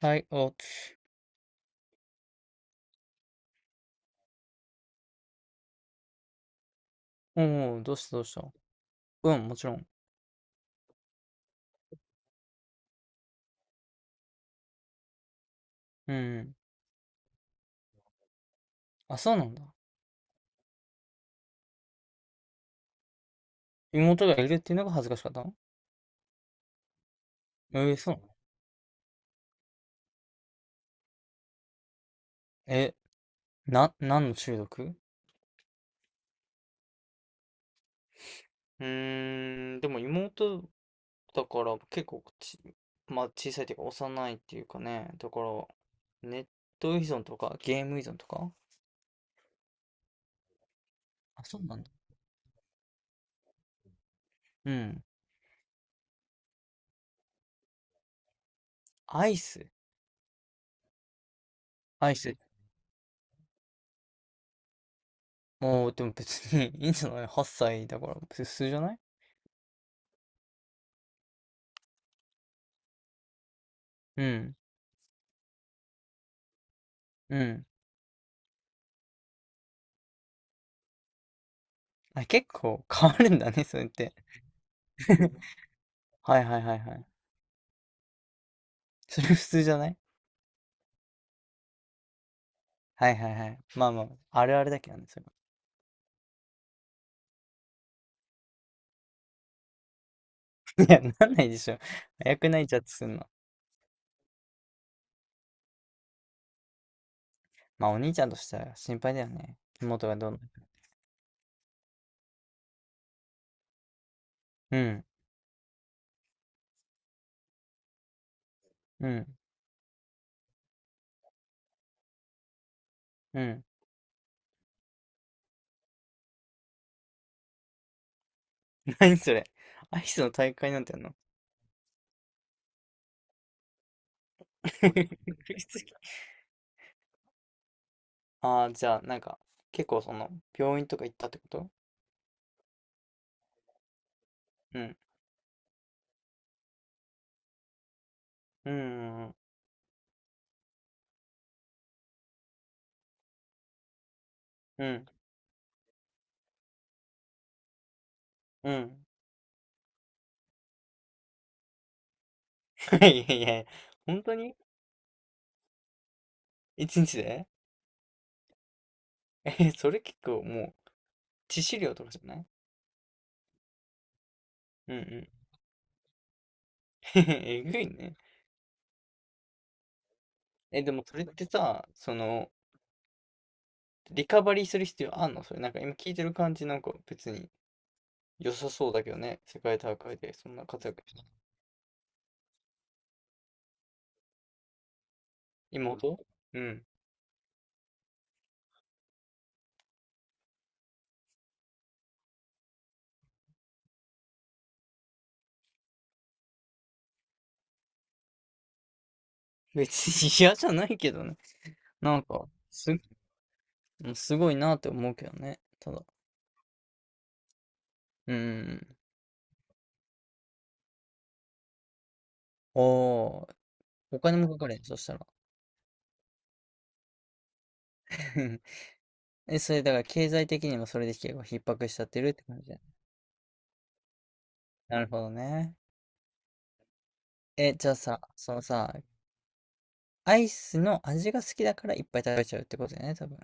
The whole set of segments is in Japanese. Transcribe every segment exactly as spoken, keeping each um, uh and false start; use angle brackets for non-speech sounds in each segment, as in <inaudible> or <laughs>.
はい、お、おう、どうしたどうした。うん、もちろん。うん。あ、そうなんだ。妹がいるっていうのが恥ずかしかったの？えー、そうなの？え、な、何の中毒？うーん、でも妹だから結構ち、まあ小さいっていうか幼いっていうかね、だからネット依存とかゲーム依存とか。あ、そうなんだ。うん。アイス。アイス。もう、でも別に <laughs> いいんじゃない？ はっさい 歳だから普通じゃない？うん。うん。あ、結構変わるんだね、それって。<laughs> はいはいはいはい。<laughs> それ普通じゃない？はいはいはい。まあまあ、あるあるだけどね、それは。<laughs> いや、なんないでしょ。早く泣いちゃってすんの？まあ、お兄ちゃんとしては心配だよね。妹がどうな。うん、うん、うん。<laughs> 何それ。アイスの大会なんてやんの？ <laughs> ああー、じゃあ、なんか、結構その、病院とか行ったってこと？うん、うん、うん、うん。うん。 <laughs> いやいやいや、本当に一日で。 <laughs> え、それ結構もう、致死量とかじゃない？うんうん。<laughs> えぐいね。え、でもそれってさ、その、リカバリーする必要あんの？それ、なんか今聞いてる感じなんか別に良さそうだけどね。世界大会でそんな活躍して。妹。うん。別に嫌じゃないけどね。なんか、す、すごいなって思うけどね。ただ。うん。おー。お金もかかるよ、そしたら。<laughs> え、それだから経済的にもそれで結構逼迫しちゃってるって感じだよね。なるほどね。え、じゃあさ、そのさ、アイスの味が好きだからいっぱい食べちゃうってことだよね、多分。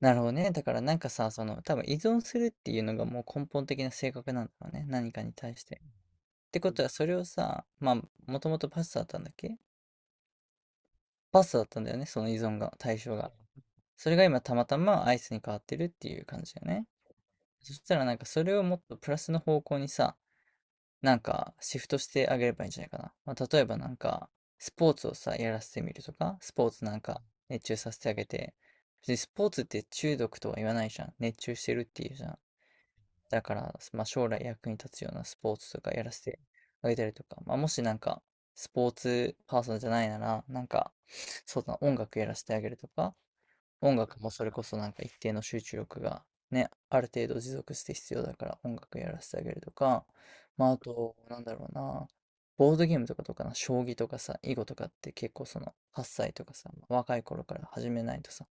なるほどね。だからなんかさ、その、多分依存するっていうのがもう根本的な性格なんだろうね。何かに対して。ってことは、それをさ、まあ、もともとパスタだったんだっけ？パスタだったんだよね、その依存が、対象が。それが今たまたまアイスに変わってるっていう感じだよね。そしたらなんかそれをもっとプラスの方向にさ、なんかシフトしてあげればいいんじゃないかな。まあ、例えばなんか、スポーツをさ、やらせてみるとか、スポーツなんか熱中させてあげて、別にスポーツって中毒とは言わないじゃん。熱中してるっていうじゃん。だから、まあ、将来役に立つようなスポーツとかやらせてあげたりとか、まあ、もしなんか、スポーツパーソンじゃないなら、なんか、そうだな、音楽やらせてあげるとか、音楽もそれこそなんか一定の集中力がね、ある程度持続して必要だから音楽やらせてあげるとか、まああと、なんだろうな、ボードゲームとかとかな、将棋とかさ、囲碁とかって結構そのはっさいとかさ、若い頃から始めないとさ、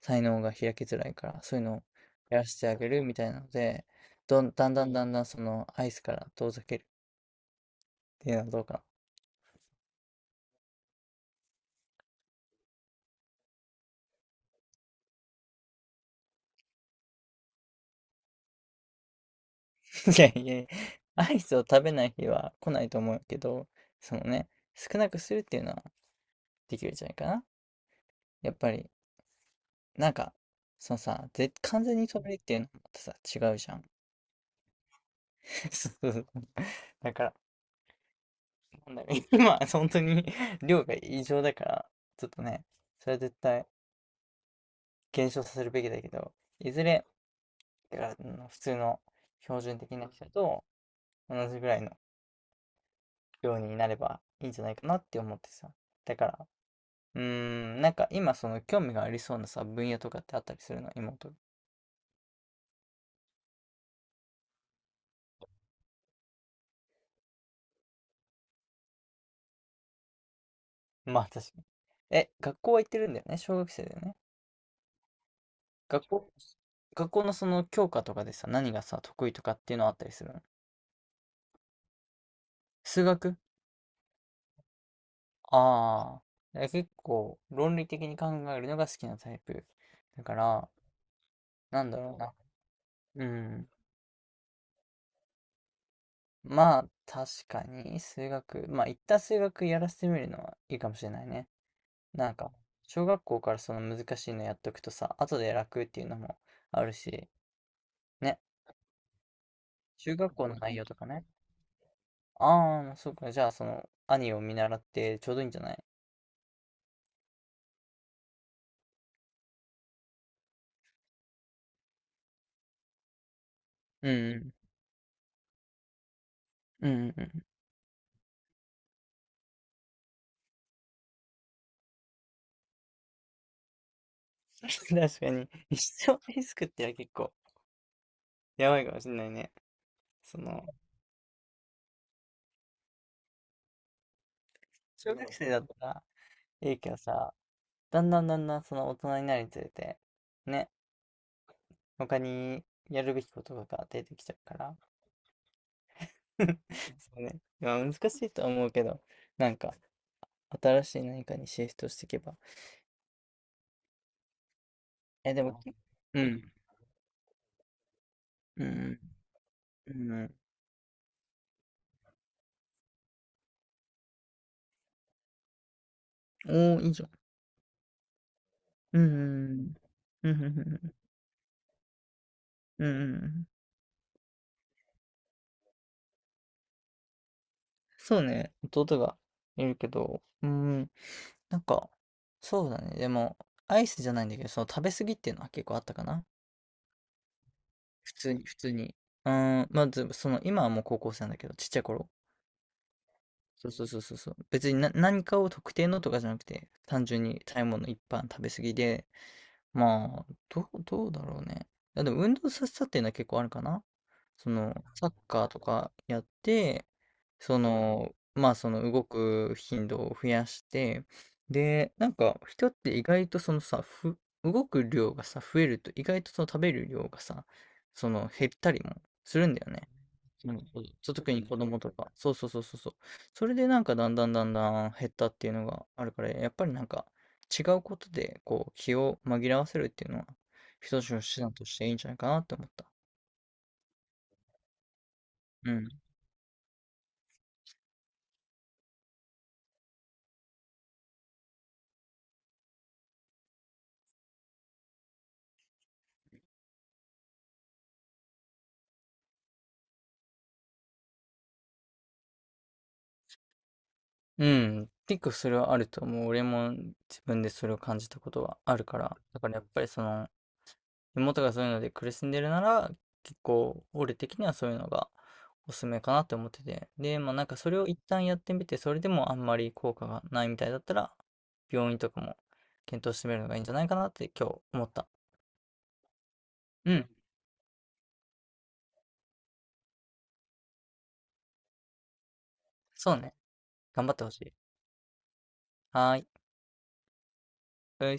才能が開きづらいから、そういうのをやらせてあげるみたいなので、どん、だんだんだんだんそのアイスから遠ざけるっていうのはどうかな。<laughs> いやいやいや、アイスを食べない日は来ないと思うけど、そのね、少なくするっていうのはできるんじゃないかな。やっぱり、なんか、そのさ、ぜ、完全に飛べるっていうのもまたさ、違うじゃん。<laughs> そうそうそう。だから、なんだろう、<laughs> 今、本当に <laughs> 量が異常だから、ちょっとね、それは絶対減少させるべきだけど、いずれ、だから、うん、普通の標準的な人と同じぐらいの量になればいいんじゃないかなって思ってさ。だから、うーん、なんか今その興味がありそうなさ、分野とかってあったりするの、妹が。まあ確かに。え、学校は行ってるんだよね。小学生だよね。学校、学校のその教科とかでさ、何がさ、得意とかっていうのあったりするの？数学？ああー。え、結構、論理的に考えるのが好きなタイプ？だから、なんだろうな。うん。まあ、確かに、数学。まあ、一旦数学やらせてみるのはいいかもしれないね。なんか、小学校からその難しいのやっとくとさ、後で楽っていうのもあるし、ね。中学校の内容とかね。ああ、そうか。じゃあ、その、兄を見習ってちょうどいいんじゃない？うんうん。うんうんうん。<laughs> 確かに。一生リスクってのは結構やばいかもしんないね。その、小学生だったらいいけどさ、だんだんだんだんその大人になるにつれて、ね、他にやるべきことが出てきちゃうから。<laughs> そうね。まあ難しいとは思うけど、なんか、新しい何かにシフトしていけば。え、でも、うん。うん。うん。うん。おー、いいじゃん。うん。うんうんうん。うんうんうん。そうね。弟がいるけど、うん。なんか、そうだね。でも、アイスじゃないんだけど、その食べ過ぎっていうのは結構あったかな。普通に、普通に。うん。まず、その、今はもう高校生なんだけど、ちっちゃい頃。そうそうそうそうそう。別にな、何かを特定のとかじゃなくて、単純に食べ物一般食べ過ぎで、まあ、どう、どうだろうね。いやでも運動させたっていうのは結構あるかな。その、サッカーとかやって、その、まあその動く頻度を増やして、で、なんか人って意外とそのさ、ふ、動く量がさ、増えると意外とその食べる量がさ、その減ったりもするんだよね。うん。そう、特に子供とか。そうそうそうそうそう。それでなんかだんだんだんだん減ったっていうのがあるから、やっぱりなんか違うことでこう気を紛らわせるっていうのは一つの手段としていいんじゃないかなって思った。うん。うん。結構それはあると思う。俺も自分でそれを感じたことはあるから。だからやっぱりその、妹がそういうので苦しんでるなら、結構、俺的にはそういうのがおすすめかなって思ってて。で、まあなんかそれを一旦やってみて、それでもあんまり効果がないみたいだったら、病院とかも検討してみるのがいいんじゃないかなって今日思った。うん、そうね。頑張ってほしい。はーい。うい。